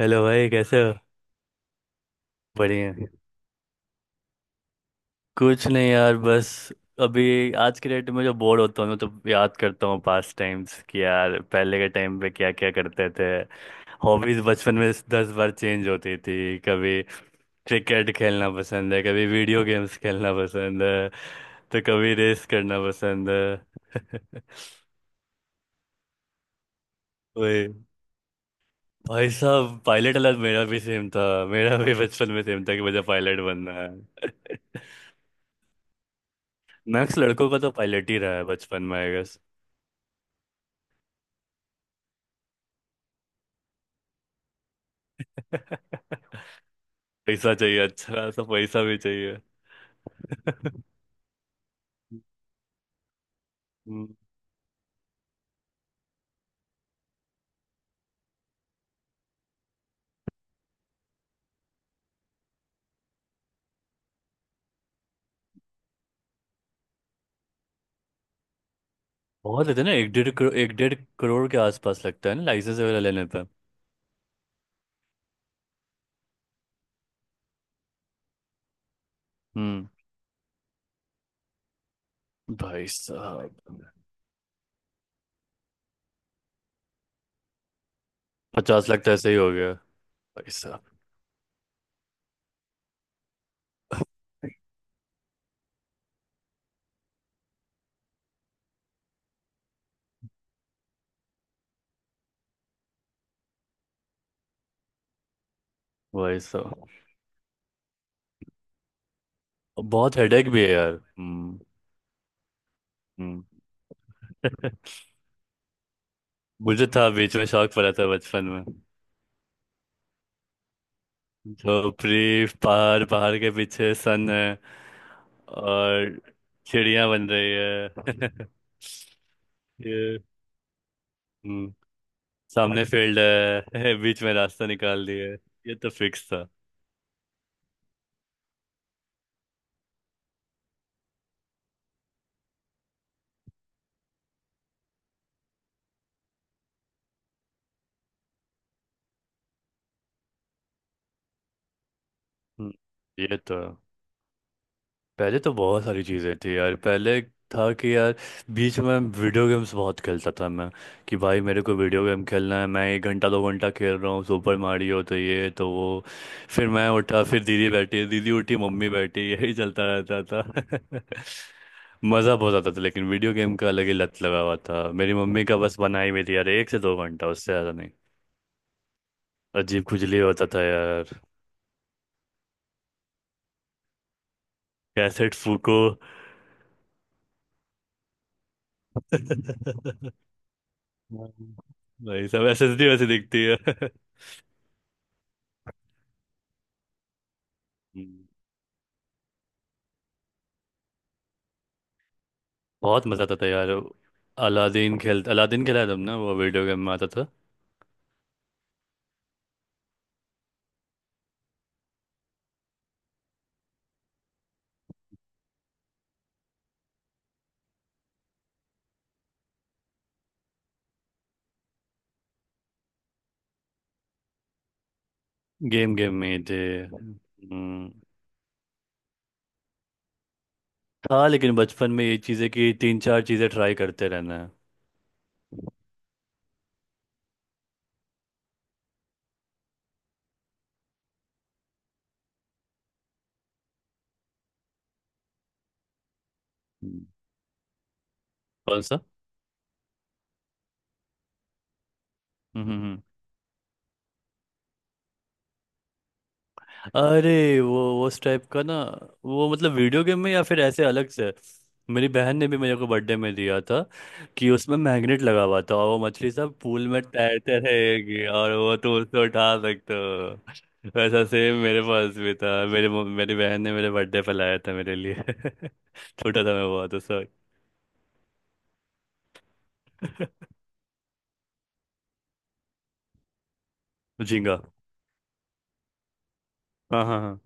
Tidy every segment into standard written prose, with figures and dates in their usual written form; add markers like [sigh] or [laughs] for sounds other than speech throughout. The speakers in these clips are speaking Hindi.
हेलो भाई, कैसे हो? बढ़िया। कुछ नहीं यार, बस अभी आज के डेट में जो बोर होता हूँ तो याद करता हूँ पास्ट टाइम्स कि यार पहले के टाइम पे क्या क्या करते थे। हॉबीज बचपन में 10 बार चेंज होती थी। कभी क्रिकेट खेलना पसंद है, कभी वीडियो गेम्स खेलना पसंद है, तो कभी रेस करना पसंद है। [laughs] वही। भाई साहब, पायलट वाला मेरा भी सेम था। मेरा भी बचपन में सेम था कि मुझे पायलट बनना है। [laughs] मैक्स लड़कों का तो पायलट ही रहा है बचपन में, आई गेस। [laughs] पैसा चाहिए, अच्छा सा पैसा भी चाहिए। हम्म। बहुत लेते हैं ना, एक डेढ़ करोड़, एक डेढ़ करोड़ के आसपास लगता है ना लाइसेंस वगैरह लेने पे। हम्म। भाई साहब, 50 लाख तो ऐसे ही हो गया। भाई साहब। भाई साहब, और बहुत हेडेक भी है यार। हम्म। [laughs] मुझे था, बीच में शौक पड़ा था बचपन में। झोपड़ी, पहाड़, पहाड़ के पीछे सन है, और चिड़िया बन रही है। [laughs] ये। हम्म। सामने फील्ड है। [laughs] बीच में रास्ता निकाल दिया है। ये तो फिक्स था। हम्म, ये तो है। पहले तो बहुत सारी चीज़ें थी यार, पहले था कि यार, बीच में वीडियो गेम्स बहुत खेलता था मैं, कि भाई मेरे को वीडियो गेम खेलना है। मैं 1 घंटा 2 घंटा खेल रहा हूँ सुपर मारियो, तो ये तो वो, फिर मैं उठा, फिर दीदी बैठी, दीदी उठी, मम्मी बैठी। [laughs] यही चलता रहता था। [laughs] मज़ा बहुत आता था, लेकिन वीडियो गेम का अलग ही लत लगा हुआ था। मेरी मम्मी का बस बनाई हुई थी यार, 1 से 2 घंटा, उससे ज़्यादा नहीं। अजीब खुजली होता था यार। कैसेट फूको। [laughs] भाई, सब एसएसडी वैसे दिखती है। [laughs] हम्म। बहुत मजा आता था यार। अलादीन खेल, अलादीन खेला है तुमने? वो वीडियो गेम में आता था। गेम गेम में ही थे। हम्म। था, लेकिन बचपन में ये चीज़ें कि तीन चार चीज़ें ट्राई करते रहना है। हम्म। कौन सा? हम्म हम्म हम्म। अरे, वो उस टाइप का ना, वो मतलब वीडियो गेम में या फिर ऐसे अलग से? मेरी बहन ने भी मेरे को बर्थडे में दिया था कि उसमें मैग्नेट लगा हुआ था, और वो मछली सब पूल में तैरते रहेगी, और वो तो उसको उठा सकते हो। वैसा सेम मेरे पास भी था। मेरी बहन ने मेरे बर्थडे पर लाया था मेरे लिए। [laughs] छोटा था मैं बहुत उस वक्त। झींगा। हाँ हाँ हाँ।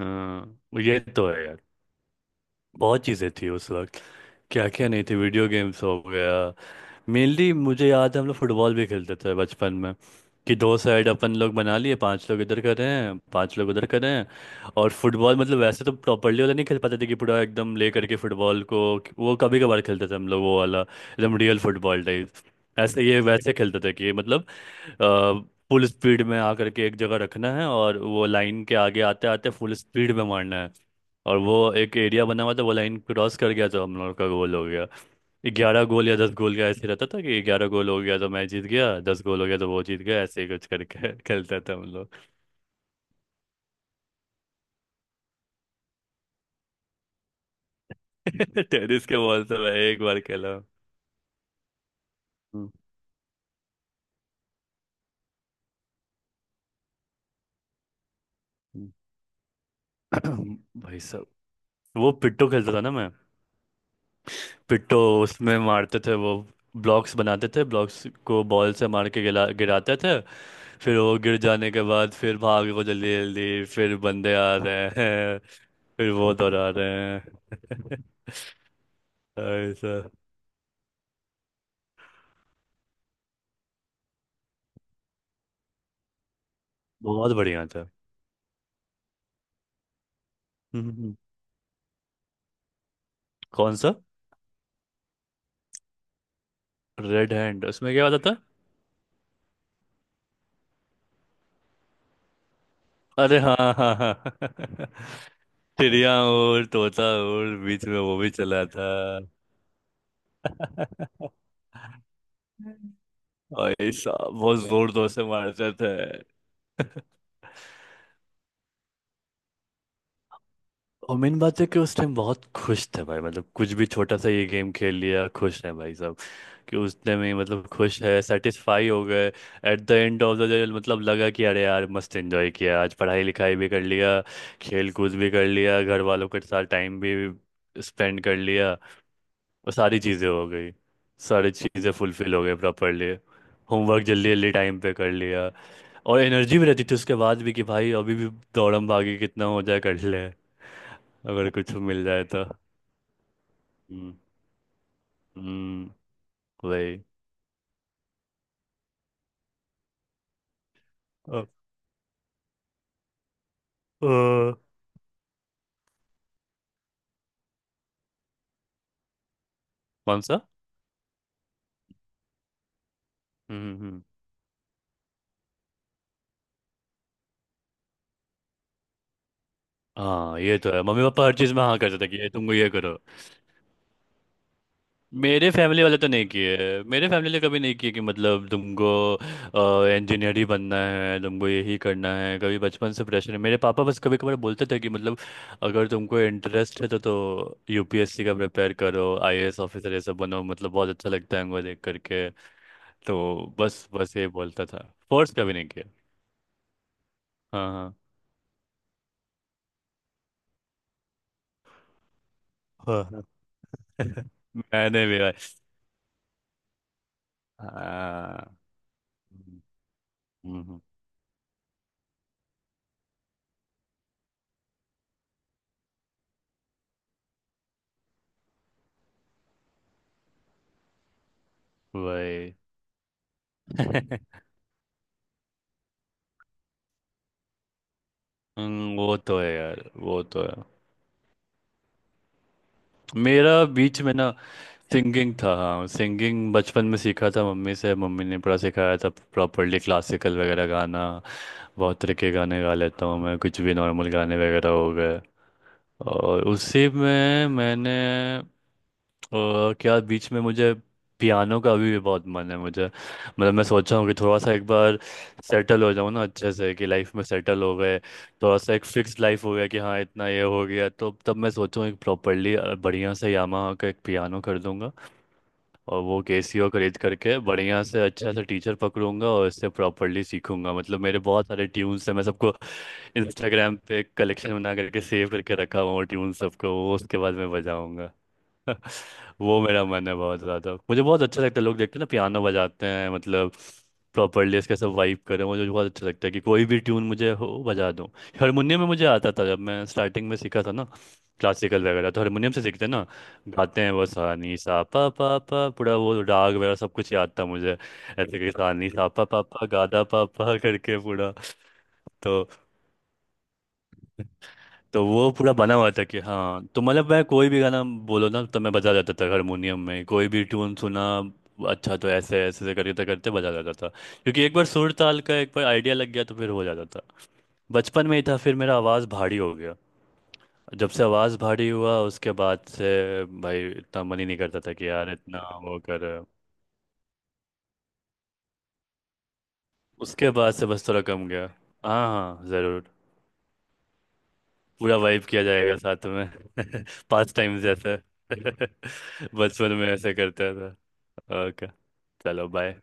हाँ, ये तो है यार। बहुत चीज़ें थी उस वक्त। क्या क्या नहीं थी, वीडियो गेम्स हो गया। मेनली मुझे याद है हम लोग फुटबॉल भी खेलते थे बचपन में। कि दो साइड अपन लोग बना लिए, पांच लोग इधर कर रहे हैं, पांच लोग उधर कर रहे हैं। और फुटबॉल मतलब वैसे तो प्रॉपर्ली वाला नहीं खेल पाते थे कि पूरा एकदम ले करके फुटबॉल को। वो कभी कभार खेलते थे हम लोग, वो वाला एकदम रियल फुटबॉल टाइप। ऐसे ये वैसे खेलते थे कि मतलब, फुल स्पीड में आकर के एक जगह रखना है, और वो लाइन के आगे आते आते फुल स्पीड में मारना है। और वो एक एरिया बना हुआ था, वो लाइन क्रॉस कर गया तो हम लोग का गोल हो गया। 11 गोल या 10 गोल का ऐसे रहता था, कि 11 गोल हो गया तो मैं जीत गया, 10 गोल हो गया तो वो जीत गया, ऐसे ही कुछ करके खेलता था हम लोग। [laughs] टेनिस के बॉल से मैं एक बार खेला हूँ। हम्म। [clears throat] भाई साहब, वो पिट्टो खेलता था ना मैं। पिट्टो। उसमें मारते थे, वो ब्लॉक्स बनाते थे, ब्लॉक्स को बॉल से मार के गिरा गिराते थे। फिर वो गिर जाने के बाद फिर भागो जल्दी जल्दी, फिर बंदे आ रहे हैं, फिर वो दौड़ा रहे हैं। [laughs] ऐसा। बहुत बढ़िया था। [laughs] कौन सा? Red hand? उसमें क्या बताता? अरे, हाँ हाँ हाँ। [laughs] चिड़िया और तोता, और बीच में वो भी चला था। [laughs] भाई साहब, बहुत जोर जोर से मारते थे। [laughs] और मेन बात है कि उस टाइम बहुत खुश थे भाई, मतलब कुछ भी छोटा सा, ये गेम खेल लिया, खुश है भाई साहब। कि उस टाइम ही मतलब खुश है, सेटिस्फाई हो गए। At the end of the day मतलब लगा कि अरे यार मस्त एंजॉय किया, आज पढ़ाई लिखाई भी कर लिया, खेल कूद भी कर लिया, घर वालों के साथ टाइम भी स्पेंड कर लिया, वो सारी चीज़ें हो गई। सारी चीज़ें फुलफिल हो गई प्रॉपरली। होमवर्क जल्दी जल्दी टाइम पे कर लिया, और एनर्जी भी रहती थी उसके बाद भी कि भाई अभी भी दौड़म भागी कितना हो जाए कर ले, अगर कुछ मिल जाए तो। हम्म। हम्म। वही। अ, अ, कौन सा? हम्म। हाँ, ये तो है। मम्मी पापा हर चीज़ में हाँ करते थे कि ये तुमको, ये करो। मेरे फैमिली वाले तो नहीं किए। मेरे फैमिली ने कभी नहीं किए कि मतलब तुमको इंजीनियर ही बनना है, तुमको यही करना है। कभी बचपन से प्रेशर है मेरे पापा, बस कभी कभार बोलते थे कि मतलब अगर तुमको इंटरेस्ट है तो यूपीएससी का प्रिपेयर करो, आईएएस ऑफिसर ये सब बनो, मतलब बहुत अच्छा लगता है उनको देख करके। तो बस बस ये बोलता था। फोर्स कभी नहीं किया। हाँ हाँ हाँ, हाँ। [laughs] मैंने भी भाई, हाँ। हम्म, हम्म, हम्म। वही। [laughs] वो तो है यार, वो तो है। मेरा बीच में ना सिंगिंग था। हाँ, सिंगिंग बचपन में सीखा था मम्मी से। मम्मी ने पूरा सिखाया था प्रॉपरली, क्लासिकल वगैरह गाना। बहुत तरह के गाने गा लेता हूँ मैं कुछ भी, नॉर्मल गाने वगैरह हो गए, और उसी में मैंने, और क्या, बीच में मुझे पियानो का अभी भी बहुत मन है मुझे। मतलब मैं सोच रहा हूँ कि थोड़ा सा एक बार सेटल हो जाऊँ ना अच्छे से, कि लाइफ में सेटल हो गए, थोड़ा सा एक फिक्स लाइफ हो गया कि हाँ इतना ये हो गया, तो तब मैं सोचूँ एक प्रॉपरली बढ़िया से यामाहा का एक पियानो कर दूंगा, और वो केसियो खरीद करके बढ़िया से अच्छा से टीचर पकड़ूंगा, और इससे प्रॉपरली सीखूंगा। मतलब मेरे बहुत सारे ट्यून्स हैं, मैं सबको इंस्टाग्राम पे कलेक्शन बना करके सेव करके रखा हुआ हूँ, ट्यून सबको, वो उसके बाद मैं बजाऊंगा। [laughs] वो मेरा मन है बहुत ज़्यादा, मुझे बहुत अच्छा लगता है लोग देखते हैं ना पियानो बजाते हैं, मतलब प्रॉपरली इसके सब वाइब करें। मुझे बहुत अच्छा लगता है कि कोई भी ट्यून मुझे हो बजा दूँ। हारमोनियम में मुझे आता था जब मैं स्टार्टिंग में सीखा था ना, क्लासिकल वगैरह तो हारमोनियम से सीखते हैं ना, गाते हैं वो सा नी सा पा पा पा पूरा, वो राग वगैरह सब कुछ याद था मुझे। ऐसे कि सा नी सा पा पा पा गा दा पा पा करके पूरा। तो वो पूरा बना हुआ था कि हाँ, तो मतलब मैं कोई भी गाना बोलो ना तो मैं बजा जाता था हारमोनियम में। कोई भी ट्यून सुना, अच्छा, तो ऐसे ऐसे ऐसे करते करते बजा जाता था, क्योंकि एक बार सुर ताल का एक बार आइडिया लग गया तो फिर हो जाता था। बचपन में ही था, फिर मेरा आवाज़ भारी हो गया। जब से आवाज़ भारी हुआ उसके बाद से भाई इतना मन ही नहीं करता था कि यार इतना वो कर। उसके बाद से बस थोड़ा कम गया। हाँ हाँ, ज़रूर। पूरा वाइब किया जाएगा साथ में। [laughs] पास्ट टाइम जैसे, [laughs] बचपन में ऐसे करता था। ओके, चलो, बाय।